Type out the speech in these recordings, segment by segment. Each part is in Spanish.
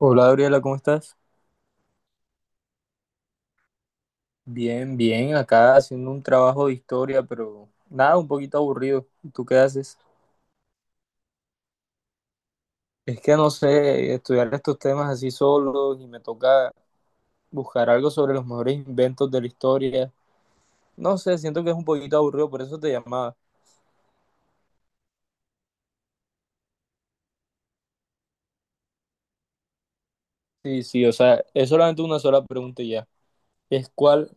Hola Gabriela, ¿cómo estás? Bien, acá haciendo un trabajo de historia, pero nada, un poquito aburrido. ¿Y tú qué haces? Es que no sé, estudiar estos temas así solos y me toca buscar algo sobre los mejores inventos de la historia. No sé, siento que es un poquito aburrido, por eso te llamaba. Sí, o sea, es solamente una sola pregunta y ya. Es cuál,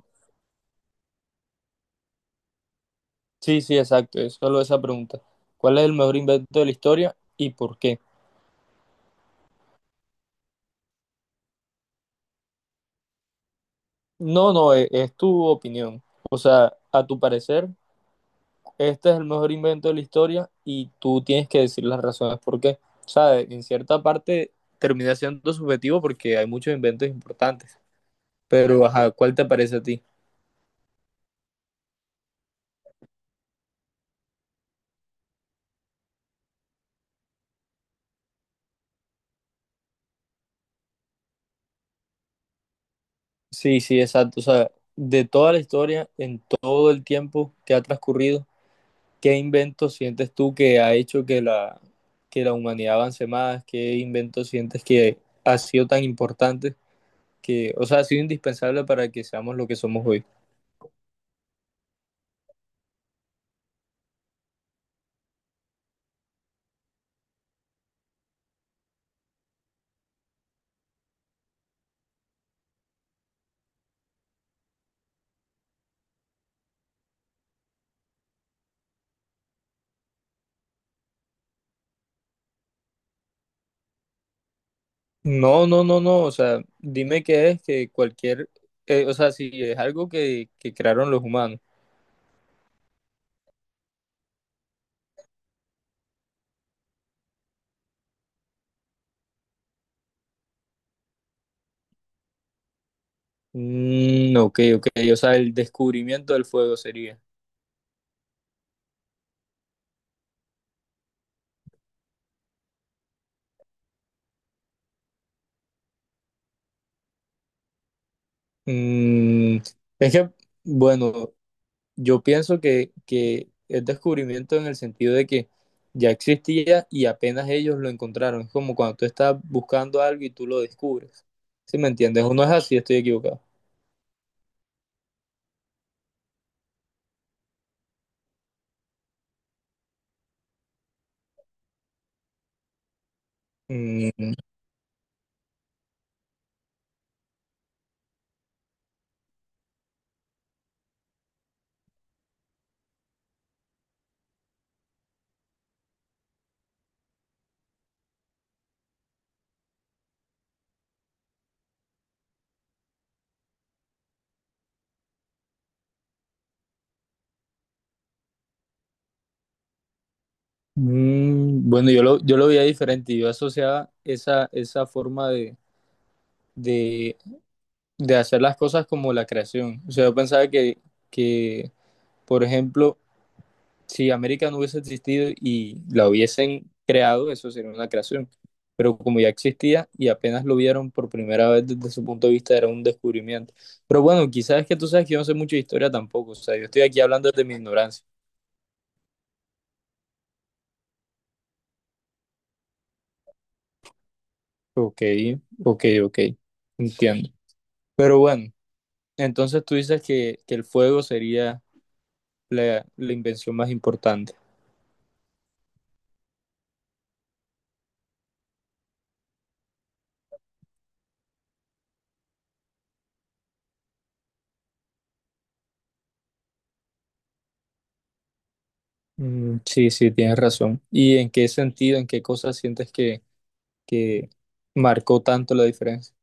sí, exacto, es solo esa pregunta. ¿Cuál es el mejor invento de la historia y por qué? No, es tu opinión. O sea, a tu parecer. Este es el mejor invento de la historia y tú tienes que decir las razones por qué. O sea, en cierta parte termina siendo subjetivo porque hay muchos inventos importantes. Pero, ajá, ¿cuál te parece a ti? Sí, exacto. O sea, de toda la historia, en todo el tiempo que ha transcurrido, ¿qué invento sientes tú que ha hecho que la humanidad avance más? ¿Qué invento sientes que ha sido tan importante que, o sea, ha sido indispensable para que seamos lo que somos hoy? No, o sea, dime qué es que o sea, si es algo que crearon los humanos. Ok, o sea, el descubrimiento del fuego sería. Mm, es que, bueno, yo pienso que es descubrimiento en el sentido de que ya existía y apenas ellos lo encontraron. Es como cuando tú estás buscando algo y tú lo descubres. ¿Sí me entiendes? ¿O no es así? Estoy equivocado. Mm, bueno, yo lo veía diferente. Yo asociaba esa forma de, de hacer las cosas como la creación. O sea, yo pensaba que, por ejemplo, si América no hubiese existido y la hubiesen creado, eso sería una creación. Pero como ya existía y apenas lo vieron por primera vez desde su punto de vista, era un descubrimiento. Pero bueno, quizás es que tú sabes que yo no sé mucho de historia tampoco. O sea, yo estoy aquí hablando desde mi ignorancia. Ok, ok. Entiendo. Pero bueno. Entonces tú dices que el fuego sería la invención más importante. Sí, tienes razón. ¿Y en qué sentido, en qué cosas sientes que marcó tanto la diferencia?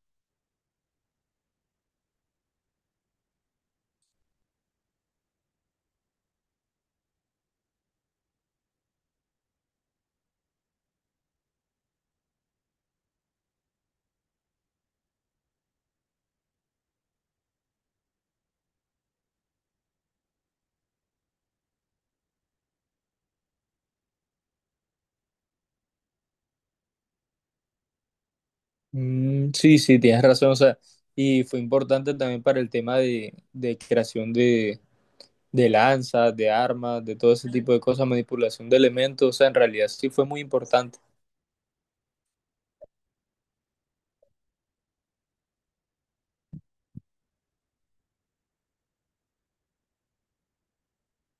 Sí, tienes razón. O sea, y fue importante también para el tema de creación de lanzas, de armas, de todo ese tipo de cosas, manipulación de elementos. O sea, en realidad sí fue muy importante,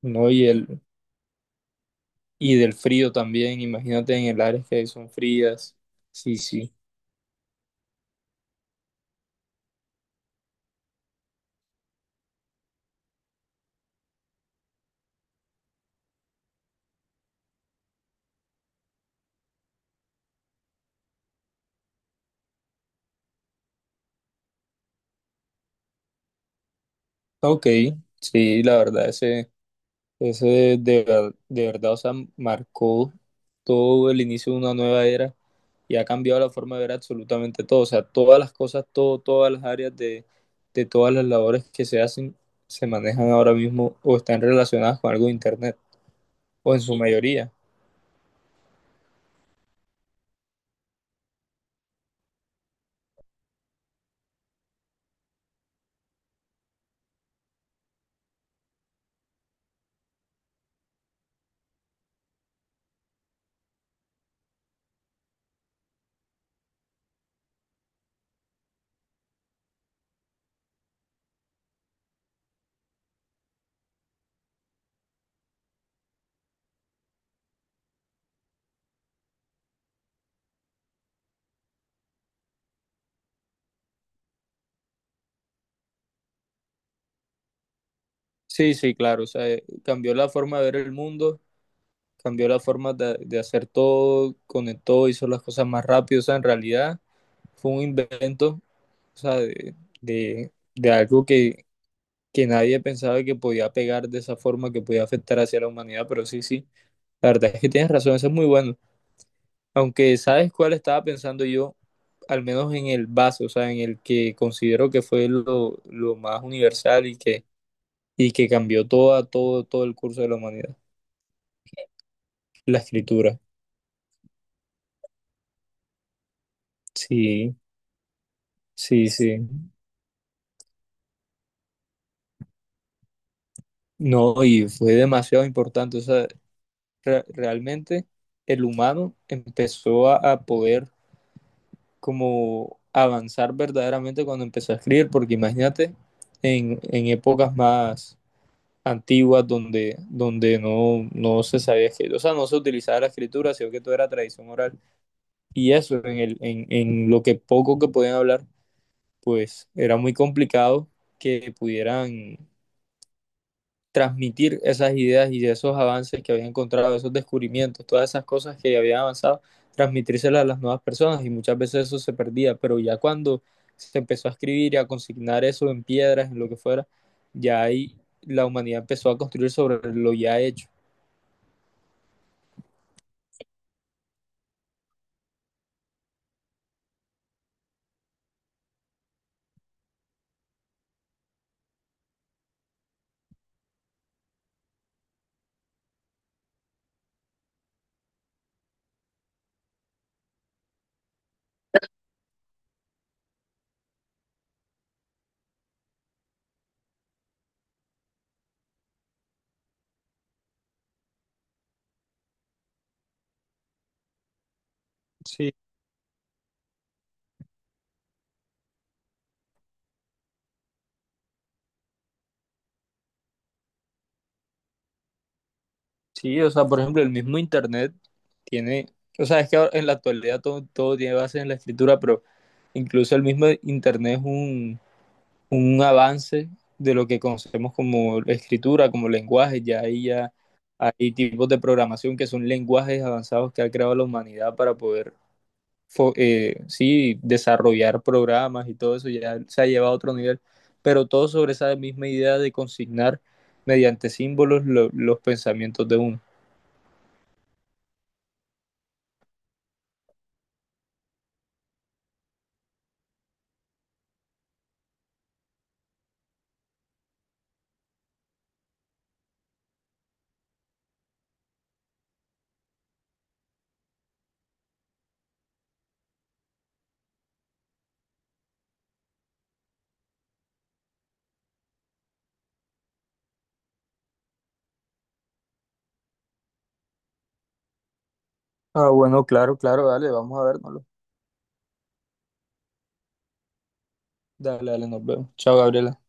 ¿no? Y del frío también, imagínate en el área que son frías. Sí, sí. Ok, sí, la verdad, de verdad, o sea, marcó todo el inicio de una nueva era y ha cambiado la forma de ver absolutamente todo, o sea, todas las cosas, todo, todas las áreas de todas las labores que se hacen, se manejan ahora mismo o están relacionadas con algo de Internet, o en su mayoría. Sí, sí, claro, o sea, cambió la forma de ver el mundo, cambió la forma de hacer todo, conectó, hizo las cosas más rápido, o sea, en realidad fue un invento o sea, de algo que nadie pensaba que podía pegar de esa forma, que podía afectar hacia la humanidad, pero sí, sí, la verdad es que tienes razón, eso es muy bueno. Aunque sabes cuál estaba pensando yo, al menos en el base, o sea, en el que considero que fue lo más universal y que cambió todo el curso de la humanidad, la escritura. Sí, sí, sí. No, y fue demasiado importante, o sea, realmente el humano empezó a poder como avanzar verdaderamente cuando empezó a escribir, porque imagínate en épocas más antiguas donde no se sabía escribir, o sea, no se utilizaba la escritura, sino que todo era tradición oral. Y eso, en, el, En lo que poco que podían hablar, pues era muy complicado que pudieran transmitir esas ideas y esos avances que había encontrado, esos descubrimientos, todas esas cosas que había avanzado, transmitírselas a las nuevas personas y muchas veces eso se perdía, pero ya cuando se empezó a escribir y a consignar eso en piedras, en lo que fuera, ya ahí la humanidad empezó a construir sobre lo ya hecho. Sí, Sí, o sea, por ejemplo, el mismo Internet tiene, o sea, es que ahora en la actualidad todo, todo tiene base en la escritura, pero incluso el mismo Internet es un avance de lo que conocemos como escritura, como lenguaje, ya ahí ya hay tipos de programación que son lenguajes avanzados que ha creado la humanidad para poder sí, desarrollar programas y todo eso, ya se ha llevado a otro nivel, pero todo sobre esa misma idea de consignar mediante símbolos lo, los pensamientos de uno. Ah, bueno, claro, dale, vamos a vernoslo. Dale, nos vemos. Chao, Gabriela.